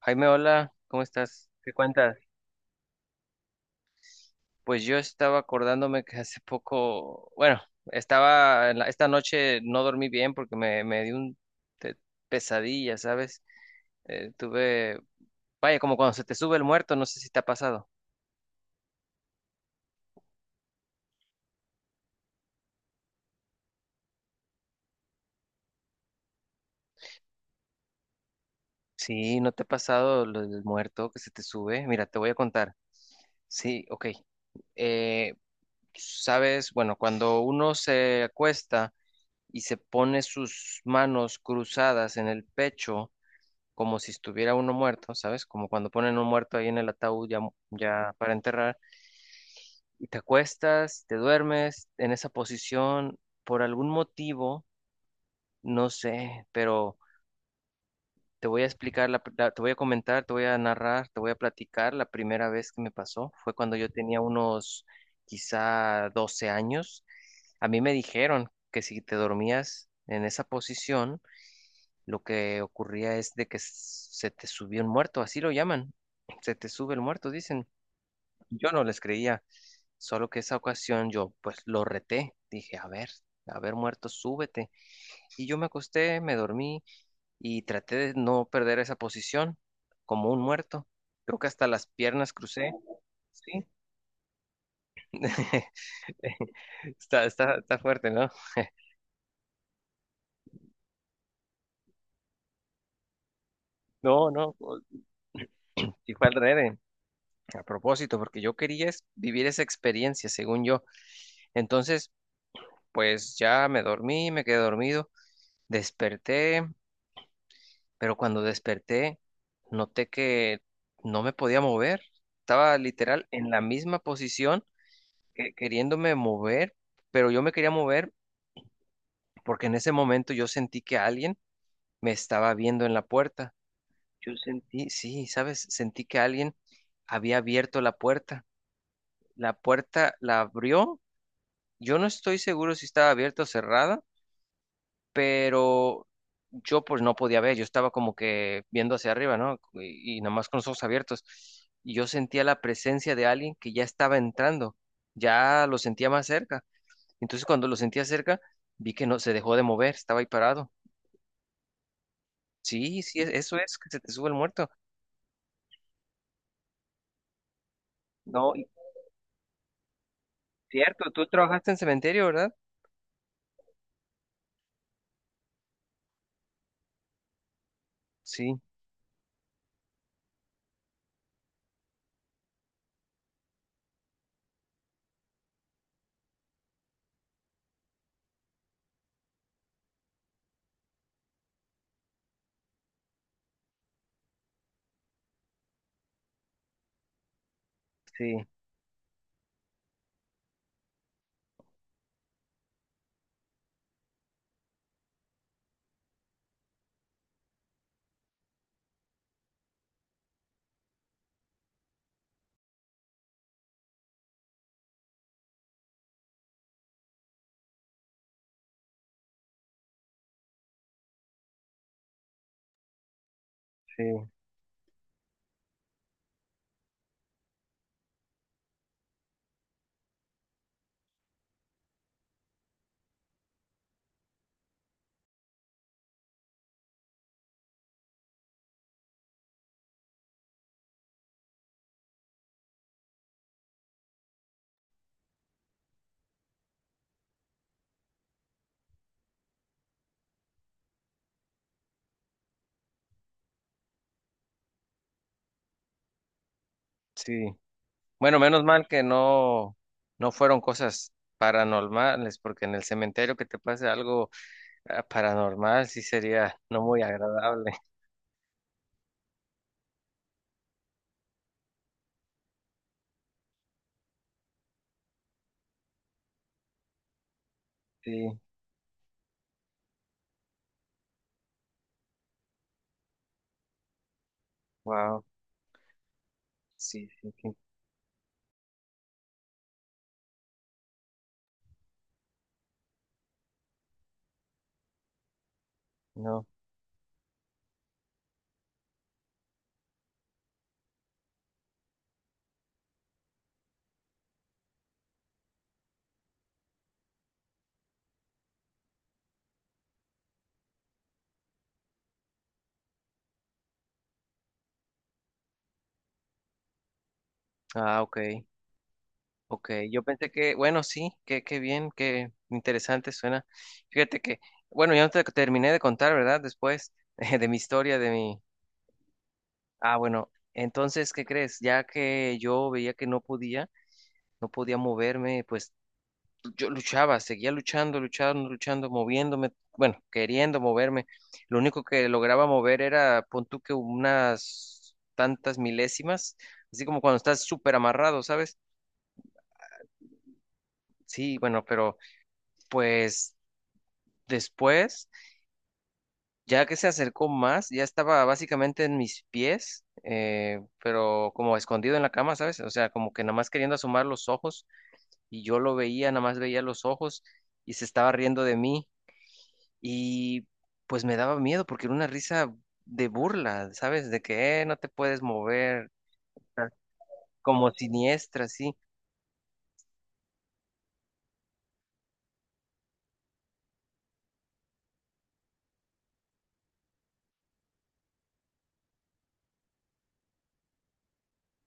Jaime, hola, ¿cómo estás? ¿Qué cuentas? Pues yo estaba acordándome que hace poco, bueno, estaba, en la- esta noche no dormí bien porque me dio un te- pesadilla, ¿sabes? Tuve, vaya, como cuando se te sube el muerto, no sé si te ha pasado. Sí, ¿no te ha pasado lo del muerto que se te sube? Mira, te voy a contar. Sí, ok. Eh, ¿Sabes? Bueno, cuando uno se acuesta y se pone sus manos cruzadas en el pecho, como si estuviera uno muerto, ¿sabes? Como cuando ponen un muerto ahí en el ataúd ya, mu- ya para enterrar, y te acuestas, te duermes en esa posición por algún motivo, no sé, pero te voy a explicar, la, pr- la- te voy a comentar, te voy a narrar, te voy a platicar. La primera vez que me pasó fue cuando yo tenía unos quizá 12 años. A mí me dijeron que si te dormías en esa posición, lo que ocurría es de que s- se te subió un muerto, así lo llaman, se te sube el muerto, dicen. Yo no les creía, solo que esa ocasión yo pues lo reté, dije, a ver muerto, súbete. Y yo me acosté, me dormí y traté de no perder esa posición como un muerto. Creo que hasta las piernas crucé. Sí, está fuerte, ¿no? No, no, y fue al adrede, a propósito, porque yo quería es- vivir esa experiencia, según yo. Entonces, pues ya me dormí, me quedé dormido, desperté, pero cuando desperté noté que no me podía mover. Estaba literal en la misma posición que- queriéndome mover, pero yo me quería mover porque en ese momento yo sentí que alguien me estaba viendo en la puerta. Yo sentí, sí, sabes, sentí que alguien había abierto la puerta. La puerta la abrió. Yo no estoy seguro si estaba abierta o cerrada, pero yo pues no podía ver, yo estaba como que viendo hacia arriba, ¿no? Y nada más con los ojos abiertos. Y yo sentía la presencia de alguien que ya estaba entrando, ya lo sentía más cerca. Entonces cuando lo sentía cerca, vi que no se dejó de mover, estaba ahí parado. Sí, sí, es- eso es, que se te sube el muerto. No, y- cierto, tú trabajaste en cementerio, ¿verdad? Sí, sí, sí, sí. Bueno, menos mal que no, no fueron cosas paranormales, porque en el cementerio que te pase algo. Ah, paranormal sí sería no muy agradable. Sí, wow, sí, sí, sí, no. Ah, ok, ok. Yo pensé que, bueno, sí, qué, qué bien, qué interesante suena. Fíjate que, bueno, ya no te terminé de contar, ¿verdad? Después de mi historia, de mi... Ah, bueno, entonces, ¿qué crees? Ya que yo veía que no podía, no podía moverme, pues yo luchaba, seguía luchando, moviéndome, bueno, queriendo moverme. Lo único que lograba mover era, pon tú que unas tantas milésimas, así como cuando estás súper amarrado, ¿sabes? Sí, bueno, pero pues después, ya que se acercó más, ya estaba básicamente en mis pies, pero como escondido en la cama, ¿sabes? O sea, como que nada más queriendo asomar los ojos, y yo lo veía, nada más veía los ojos y se estaba riendo de mí. Y pues me daba miedo porque era una risa de burla, ¿sabes? De que no te puedes mover, como siniestra, sí.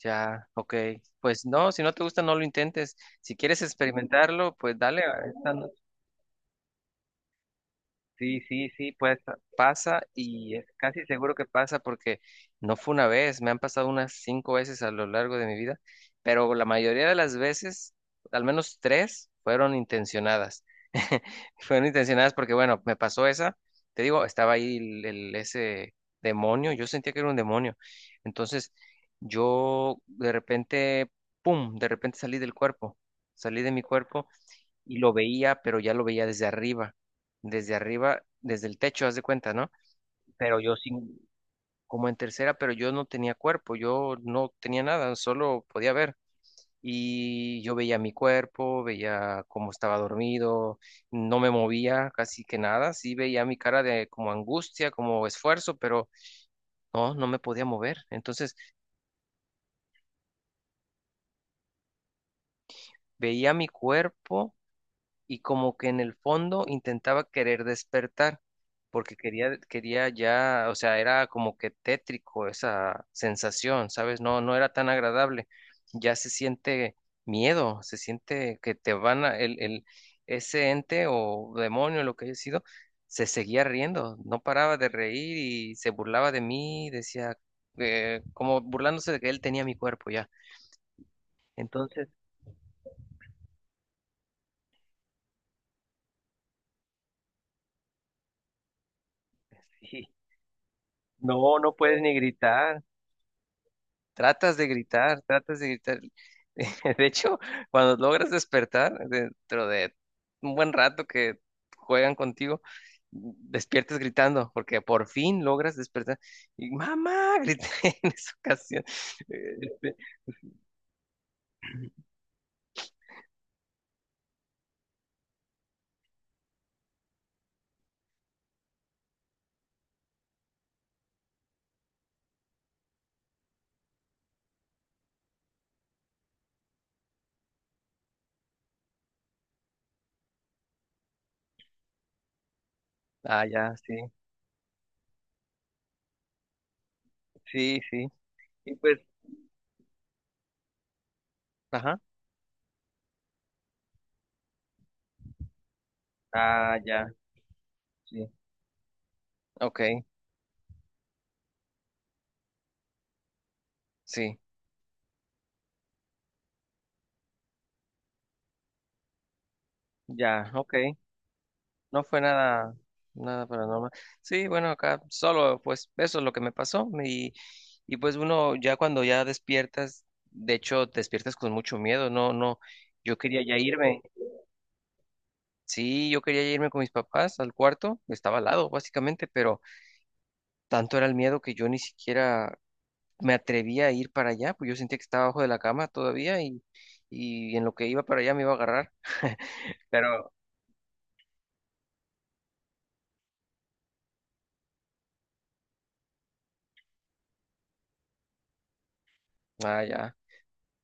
Ya, ok. Pues no, si no te gusta, no lo intentes. Si quieres experimentarlo, pues dale. Sí, sí, sí, pues pasa y es casi seguro que pasa porque no fue una vez, me han pasado unas 5 veces a lo largo de mi vida, pero la mayoría de las veces, al menos tres, fueron intencionadas. Fueron intencionadas porque, bueno, me pasó esa, te digo, estaba ahí ese demonio, yo sentía que era un demonio. Entonces, yo de repente, ¡pum!, de repente salí del cuerpo, salí de mi cuerpo y lo veía, pero ya lo veía desde arriba, desde el techo, haz de cuenta, ¿no? Pero yo sin, como en tercera, pero yo no tenía cuerpo, yo no tenía nada, solo podía ver. Y yo veía mi cuerpo, veía cómo estaba dormido, no me movía casi que nada, sí veía mi cara de como angustia, como esfuerzo, pero no, no me podía mover. Entonces veía mi cuerpo y como que en el fondo intentaba querer despertar, porque quería ya, o sea, era como que tétrico esa sensación, ¿sabes? No, no era tan agradable. Ya se siente miedo, se siente que te van a, ese ente o demonio, lo que haya sido, se seguía riendo, no paraba de reír y se burlaba de mí, decía, como burlándose de que él tenía mi cuerpo ya. Entonces, sí, no, no puedes ni gritar. Tratas de gritar. De hecho, cuando logras despertar, dentro de un buen rato que juegan contigo, despiertas gritando, porque por fin logras despertar. Y mamá, grité en esa ocasión. Este, ah, ya, sí, sí, sí. Y pues, ajá. Ah, ya, sí. Ok, sí, ya, ok. No fue nada, nada paranormal. Sí, bueno, acá solo, pues eso es lo que me pasó. Y pues uno ya cuando ya despiertas, de hecho, despiertas con mucho miedo. No, no, yo quería ya irme. Sí, yo quería ya irme con mis papás al cuarto. Estaba al lado, básicamente, pero tanto era el miedo que yo ni siquiera me atrevía a ir para allá, pues yo sentía que estaba abajo de la cama todavía y en lo que iba para allá me iba a agarrar. Pero, ah, ya.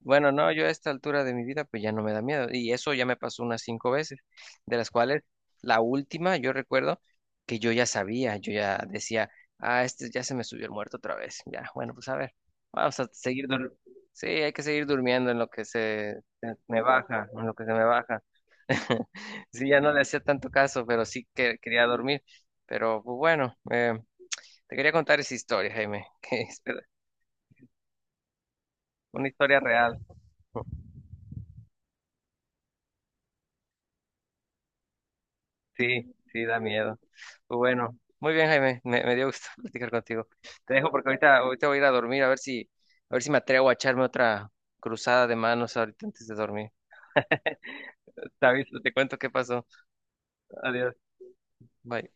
Bueno, no, yo a esta altura de mi vida pues ya no me da miedo y eso ya me pasó unas 5 veces, de las cuales la última yo recuerdo que yo ya sabía, yo ya decía, ah, este ya se me subió el muerto otra vez, ya, bueno, pues a ver, vamos a seguir, dur- sí, hay que seguir durmiendo en lo que se me baja, en lo que se me baja. Sí, ya no le hacía tanto caso, pero sí que quería dormir, pero pues bueno, te quería contar esa historia, Jaime, que es una historia real. Sí, sí, da miedo. Pues bueno, muy bien, Jaime, me dio gusto platicar contigo. Te dejo porque ahorita voy a ir a dormir a ver si me atrevo a echarme otra cruzada de manos ahorita antes de dormir. Te aviso, te cuento qué pasó. Adiós. Bye.